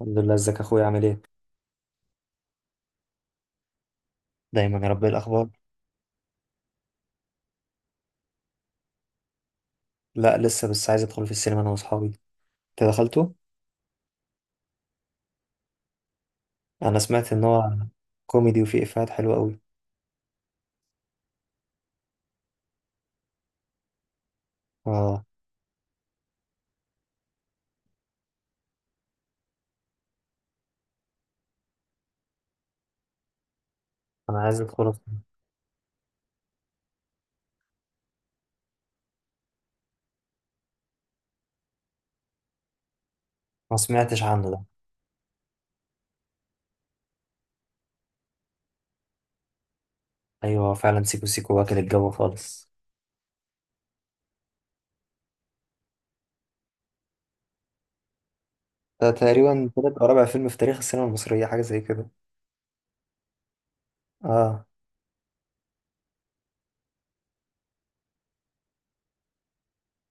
الحمد لله، ازيك يا اخويا؟ عامل ايه؟ دايما يا رب. إيه الاخبار؟ لا لسه، بس عايز ادخل في السينما انا واصحابي. انت دخلته؟ انا سمعت ان هو كوميدي وفيه افيهات حلوه قوي. اه، انا عايز ادخله. ما سمعتش عنه ده. ايوه فعلا، سيكو سيكو واكل الجو خالص. ده تقريبا تالت او رابع فيلم في تاريخ السينما المصريه، حاجه زي كده. اه،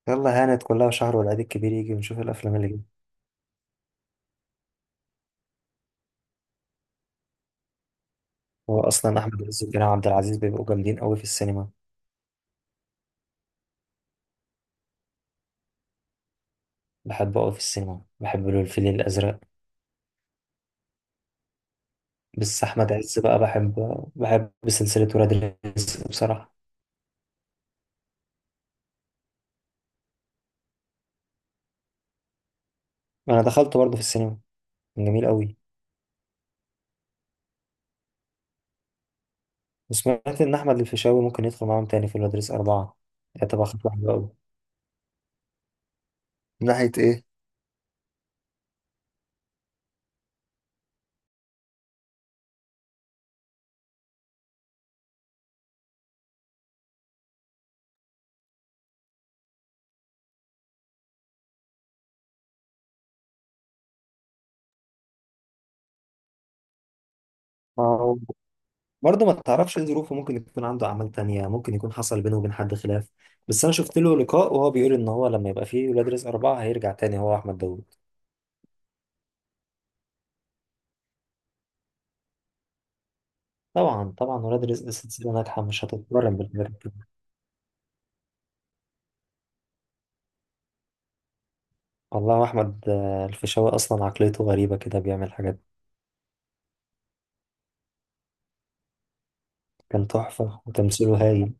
يلا هانت كلها شهر والعيد الكبير يجي ونشوف الافلام اللي جايه. هو اصلا احمد عز وكريم عبد العزيز بيبقوا جامدين قوي في السينما. بحب قوي في السينما، بحب له الفيل الازرق. بس احمد عز بقى بحب سلسله ولاد الرزق بصراحه. انا دخلت برضه في السينما، كان جميل قوي. وسمعت ان احمد الفيشاوي ممكن يدخل معاهم تاني في ولاد الرزق اربعه. ده تبقى خطوه حلوه قوي. من ناحية إيه؟ ما هو برضه ما تعرفش ايه ظروفه، ممكن يكون عنده اعمال تانية، ممكن يكون حصل بينه وبين حد خلاف. بس انا شفت له لقاء وهو بيقول ان هو لما يبقى فيه ولاد رزق اربعة هيرجع تاني، هو احمد داوود. طبعا طبعا، ولاد رزق سلسلة ناجحة مش هتتقارن بالحاجات دي. والله احمد الفيشاوي اصلا عقليته غريبة كده، بيعمل حاجات. كان تحفة وتمثيله هايل.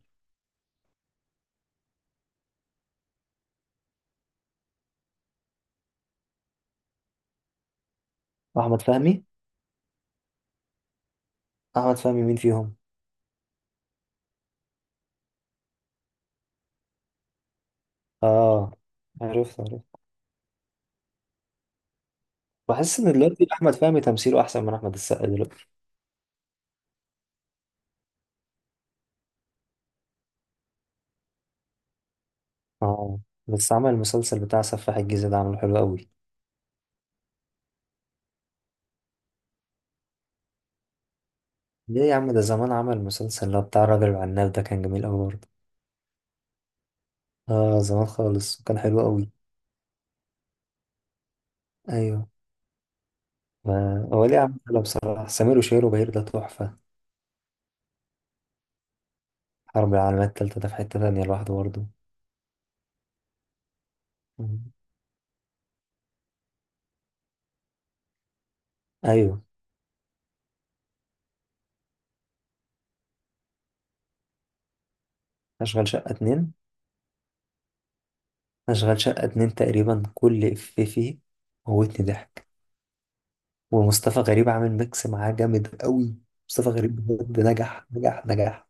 أحمد فهمي. أحمد فهمي مين فيهم؟ آه، عرفت عرفت. بحس إن دلوقتي أحمد فهمي تمثيله أحسن من أحمد السقا دلوقتي. آه، بس عمل المسلسل بتاع سفاح الجيزة ده عامله حلو قوي. ليه يا عم؟ ده زمان عمل المسلسل اللي هو بتاع الراجل العناب ده، كان جميل قوي برضه. آه زمان خالص وكان حلو قوي. أيوه. هو ليه يا عم، حلو بصراحة سمير وشهير وبهير ده تحفة. حرب العالمية التالتة ده في حتة تانية لوحده برضه. مم. أيوه. أشغال شقة اتنين. أشغال شقة اتنين تقريبا كل إفيه فيه موتني ضحك. ومصطفى غريب عامل ميكس معاه جامد قوي. مصطفى غريب بجد نجح نجح نجح.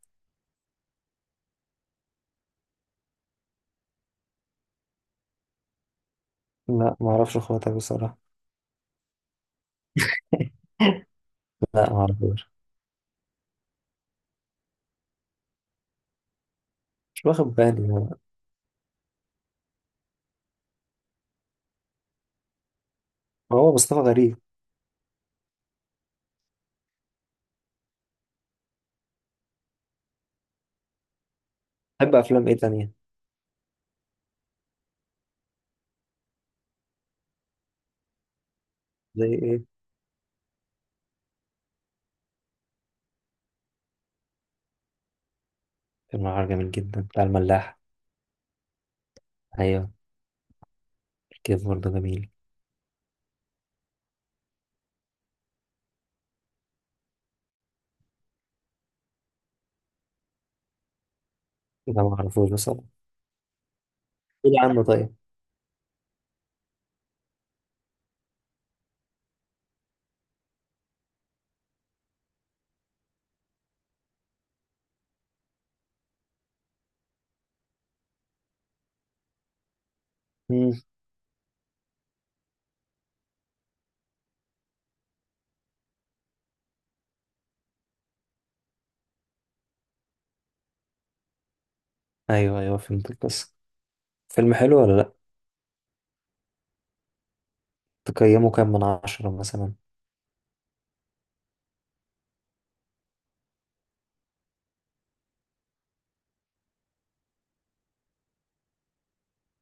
لا ما اعرفش خاطر بصراحة. لا ما اعرفوش. مش واخد بالي. هو مصطفى غريب؟ بحب افلام ايه تانية؟ زي ايه؟ فيلم العار جميل جدا، بتاع الملاح. ايوه. الكيف برضه جميل. لا ما اعرفوش بصراحة. قول عنه طيب. مم. ايوه ايوه فهمت القصة. فيلم حلو ولا لا؟ تقيمه كام من عشرة مثلا؟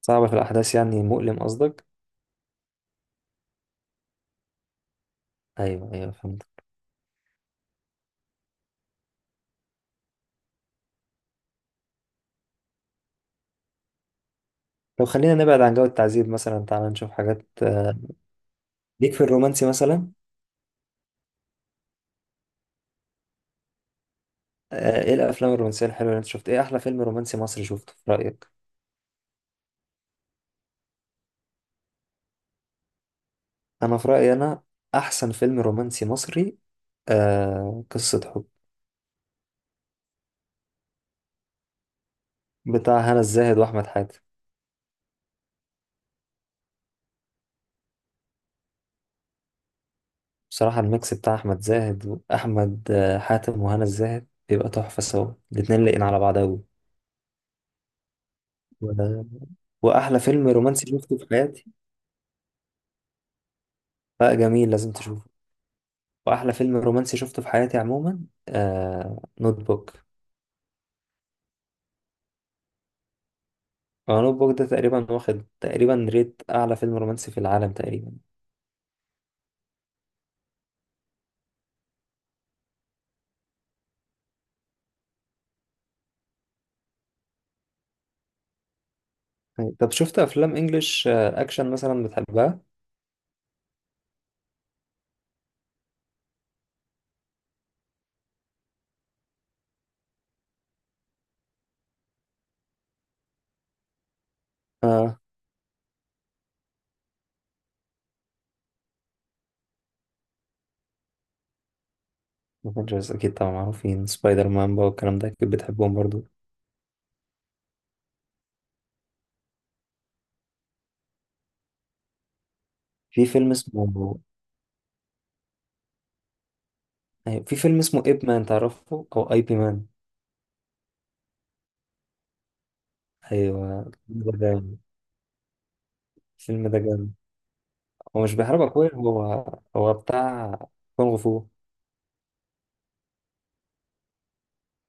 صعب في الاحداث يعني، مؤلم قصدك؟ ايوه ايوه فهمت. لو خلينا نبعد عن جو التعذيب مثلا، تعالى نشوف حاجات. ليك في الرومانسي مثلا؟ ايه الافلام الرومانسيه الحلوه اللي انت شفت؟ ايه احلى فيلم رومانسي مصري شفته في رايك؟ انا في رايي، انا احسن فيلم رومانسي مصري قصه حب، بتاع هنا الزاهد واحمد حاتم. بصراحه الميكس بتاع احمد زاهد واحمد حاتم وهنا الزاهد بيبقى تحفه، سوا الاتنين لاقين على بعض قوي. واحلى فيلم رومانسي شفته في حياتي. لا جميل، لازم تشوفه. واحلى فيلم رومانسي شفته في حياتي عموما، نوت بوك. نوت بوك ده تقريبا واخد تقريبا ريت اعلى فيلم رومانسي في العالم تقريبا. أي. طب شفت افلام انجلش اكشن مثلا بتحبها؟ اه. افنجرز اكيد طبعا معروفين، سبايدر مان بقى والكلام ده اكيد بتحبهم برضو. في فيلم اسمه، أيوة، في فيلم اسمه ايب مان تعرفه او اي بي مان؟ ايوه. الفيلم ده جامد. الفيل ده جامد. هو مش بيحارب اخويا؟ هو هو بتاع كونغ فو.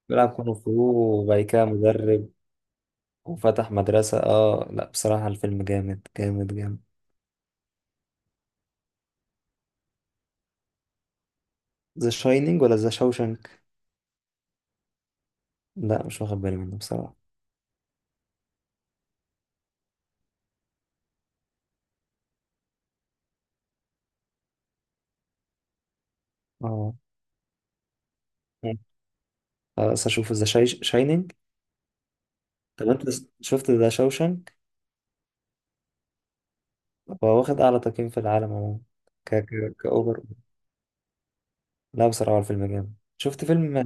بيلعب كونغ فو وبعد كده مدرب وفتح مدرسة. اه لا، بصراحة الفيلم جامد جامد جامد. ذا شاينينج ولا ذا شاوشنك؟ لا مش واخد بالي منه بصراحة. اه. مم. خلاص اشوف ذا شاينينج. طب انت شفت ذا شاوشنك؟ هو واخد اعلى تقييم في العالم عموما. ك ك كأوفر. لا بصراحة هو الفيلم جامد. شفت فيلم؟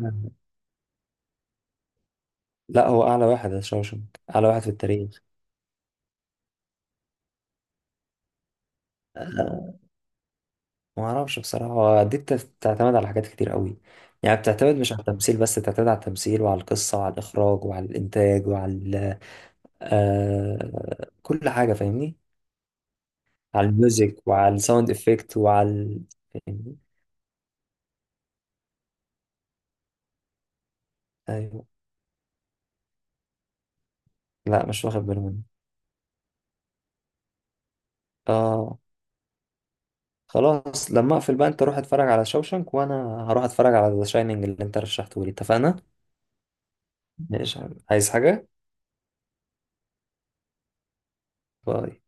لا هو اعلى واحد، ذا شاوشنك اعلى واحد في التاريخ. آه، ما اعرفش بصراحة، هو دي بتعتمد على حاجات كتير قوي. يعني بتعتمد مش على التمثيل بس، بتعتمد على التمثيل وعلى القصة وعلى الإخراج وعلى الإنتاج وعلى آه كل حاجة، فاهمني؟ على الميوزك وعلى الساوند افكت وعلى يعني. ايوه. لا مش واخد بالي منه. اه. خلاص لما اقفل بقى، انت روح اتفرج على شوشنك وانا هروح اتفرج على ذا شاينينج اللي انت رشحته لي، اتفقنا؟ ماشي. عايز حاجة؟ باي.